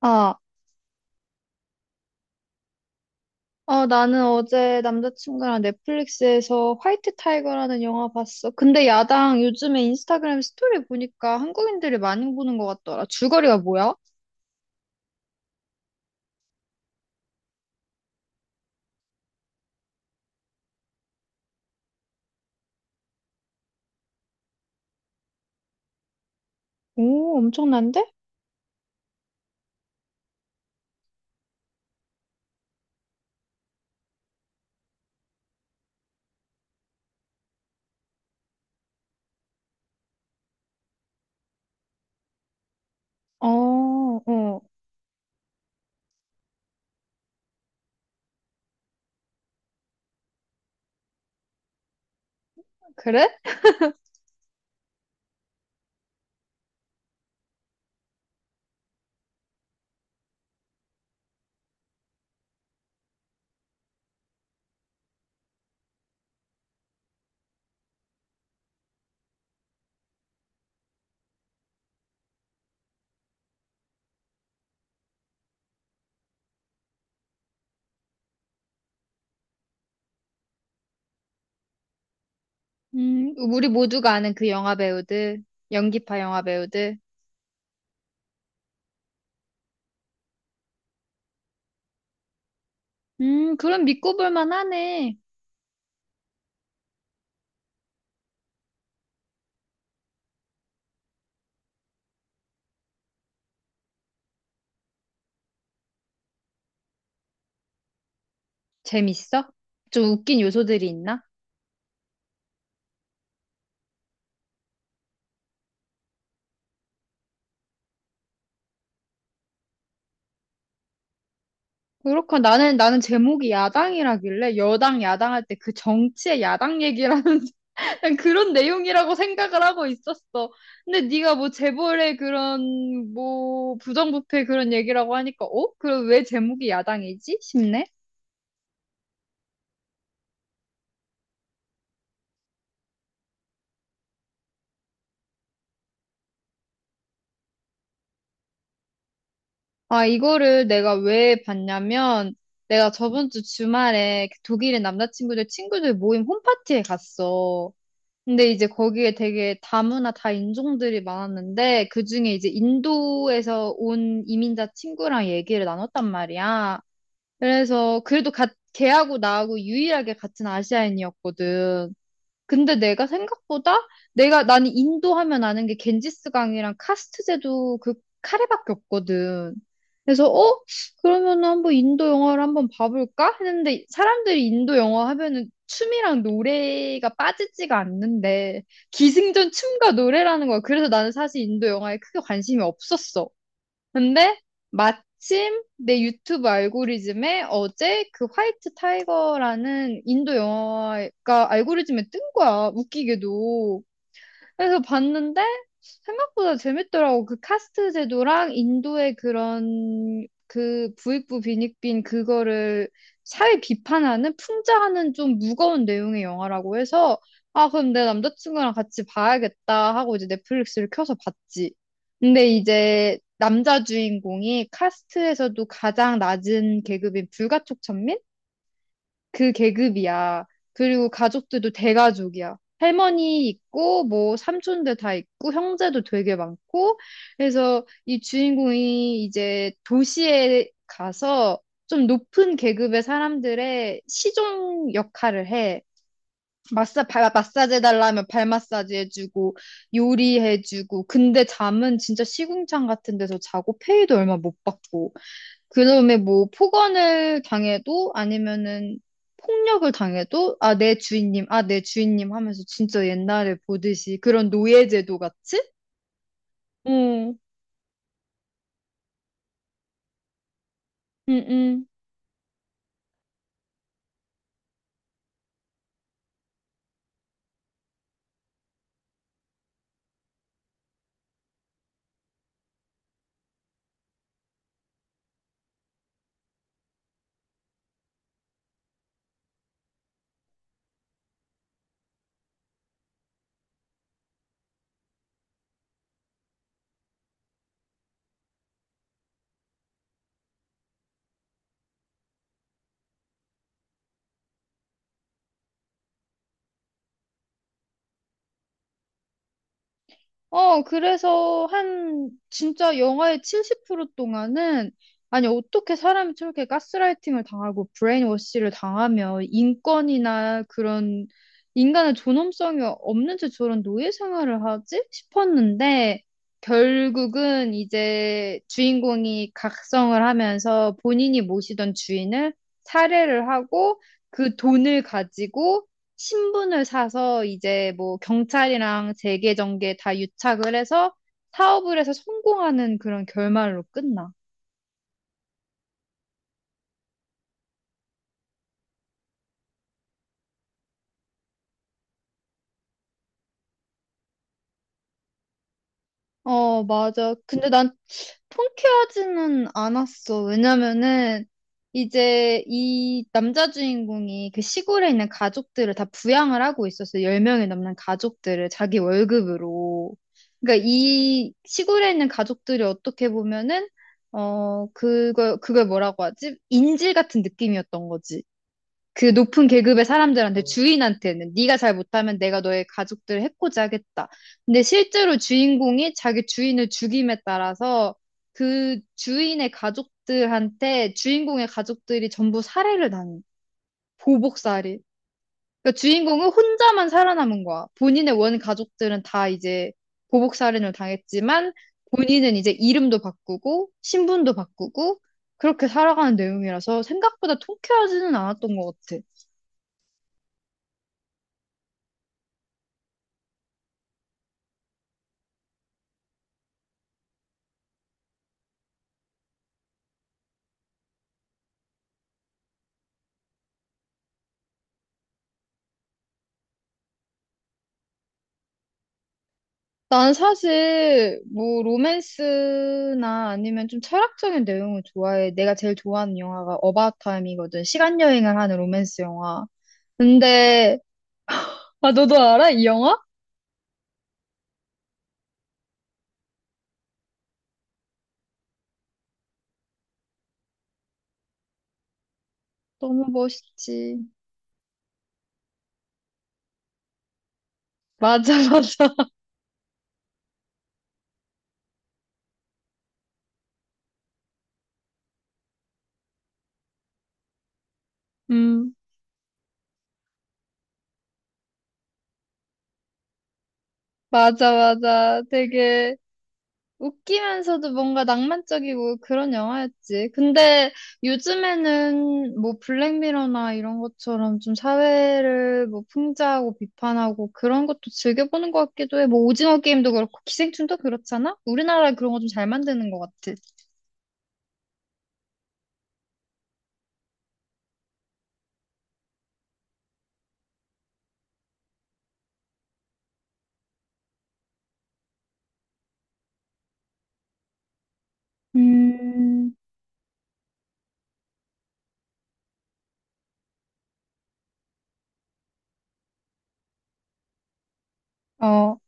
아, 나는 어제 남자친구랑 넷플릭스에서 화이트 타이거라는 영화 봤어. 근데 야당 요즘에 인스타그램 스토리 보니까 한국인들이 많이 보는 것 같더라. 줄거리가 뭐야? 오, 엄청난데? 어, 어, 그래? 우리 모두가 아는 그 영화 배우들, 연기파 영화 배우들. 그럼 믿고 볼 만하네. 재밌어? 좀 웃긴 요소들이 있나? 그렇고 나는 제목이 야당이라길래 여당 야당할 때 그 정치의 야당 얘기라는 그냥 그런 내용이라고 생각을 하고 있었어. 근데 네가 뭐 재벌의 그런 뭐 부정부패 그런 얘기라고 하니까 어? 그럼 왜 제목이 야당이지? 싶네. 아, 이거를 내가 왜 봤냐면 내가 저번 주 주말에 그 독일의 남자친구들 친구들 모임 홈파티에 갔어. 근데 이제 거기에 되게 다문화 다 인종들이 많았는데 그중에 이제 인도에서 온 이민자 친구랑 얘기를 나눴단 말이야. 그래서 그래도 걔하고 나하고 유일하게 같은 아시아인이었거든. 근데 내가 생각보다 내가 나는 인도 하면 아는 게 겐지스강이랑 카스트제도 그 카레밖에 없거든. 그래서 어? 그러면 한번 인도 영화를 한번 봐볼까? 했는데 사람들이 인도 영화 하면은 춤이랑 노래가 빠지지가 않는데 기승전 춤과 노래라는 거야. 그래서 나는 사실 인도 영화에 크게 관심이 없었어. 근데 마침 내 유튜브 알고리즘에 어제 그 화이트 타이거라는 인도 영화가 알고리즘에 뜬 거야. 웃기게도. 그래서 봤는데 생각보다 재밌더라고. 그 카스트 제도랑 인도의 그런 그 부익부 빈익빈 그거를 사회 비판하는 풍자하는 좀 무거운 내용의 영화라고 해서 아 그럼 내 남자친구랑 같이 봐야겠다 하고 이제 넷플릭스를 켜서 봤지. 근데 이제 남자 주인공이 카스트에서도 가장 낮은 계급인 불가촉천민? 그 계급이야. 그리고 가족들도 대가족이야. 할머니 있고, 뭐, 삼촌들 다 있고, 형제도 되게 많고, 그래서 이 주인공이 이제 도시에 가서 좀 높은 계급의 사람들의 시종 역할을 해. 마사지 해달라면 발 마사지 해주고, 요리해주고, 근데 잠은 진짜 시궁창 같은 데서 자고, 페이도 얼마 못 받고. 그다음에 뭐 폭언을 당해도 아니면은 폭력을 당해도 아, 내 주인님, 아, 내 주인님 하면서 진짜 옛날에 보듯이 그런 노예제도 같이? 응, 응, 응. 어, 그래서 진짜 영화의 70% 동안은, 아니, 어떻게 사람이 저렇게 가스라이팅을 당하고 브레인워시를 당하며 인권이나 그런 인간의 존엄성이 없는 채 저런 노예 생활을 하지? 싶었는데, 결국은 이제 주인공이 각성을 하면서 본인이 모시던 주인을 살해를 하고 그 돈을 가지고 신분을 사서 이제 뭐 경찰이랑 재계 정계 다 유착을 해서 사업을 해서 성공하는 그런 결말로 끝나. 어, 맞아. 근데 난 통쾌하지는 않았어. 왜냐면은 이제 이 남자 주인공이 그 시골에 있는 가족들을 다 부양을 하고 있었어. 1열명이 넘는 가족들을 자기 월급으로. 그러니까 이 시골에 있는 가족들이 어떻게 보면은 어, 그걸 뭐라고 하지? 인질 같은 느낌이었던 거지. 그 높은 계급의 사람들한테 주인한테는 네가 잘 못하면 내가 너의 가족들을 해코지 하겠다. 근데 실제로 주인공이 자기 주인을 죽임에 따라서 그 주인의 가족들한테 주인공의 가족들이 전부 살해를 당해. 보복살이. 그러니까 주인공은 혼자만 살아남은 거야. 본인의 원 가족들은 다 이제 보복살인을 당했지만 본인은 이제 이름도 바꾸고 신분도 바꾸고 그렇게 살아가는 내용이라서 생각보다 통쾌하지는 않았던 것 같아. 난 사실 뭐 로맨스나 아니면 좀 철학적인 내용을 좋아해. 내가 제일 좋아하는 영화가 어바웃 타임이거든. 시간 여행을 하는 로맨스 영화. 근데 아 너도 알아? 이 영화? 너무 멋있지. 맞아 맞아. 음. 맞아, 맞아. 되게 웃기면서도 뭔가 낭만적이고 그런 영화였지. 근데 요즘에는 뭐 블랙미러나 이런 것처럼 좀 사회를 뭐 풍자하고 비판하고 그런 것도 즐겨보는 것 같기도 해. 뭐 오징어 게임도 그렇고 기생충도 그렇잖아? 우리나라 그런 거 좀 잘 만드는 것 같아. 음, 어,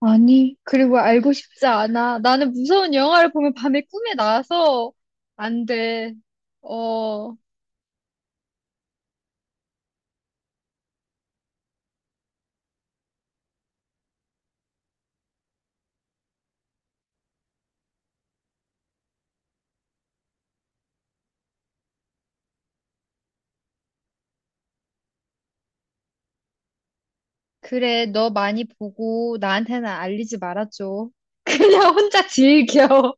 아니. 그리고 알고 싶지 않아. 나는 무서운 영화를 보면 밤에 꿈에 나와서 안 돼. 어. 그래, 너 많이 보고 나한테는 알리지 말아줘. 그냥 혼자 즐겨.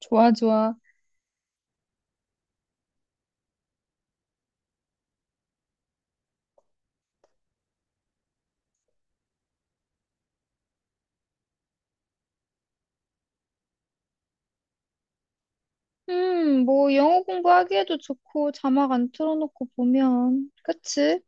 좋아, 좋아. 뭐 영어 공부하기에도 좋고 자막 안 틀어놓고 보면. 그치?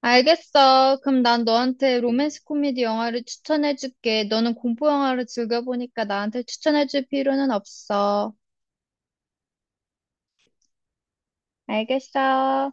알겠어. 그럼 난 너한테 로맨스 코미디 영화를 추천해줄게. 너는 공포 영화를 즐겨보니까 나한테 추천해줄 필요는 없어. 알겠어.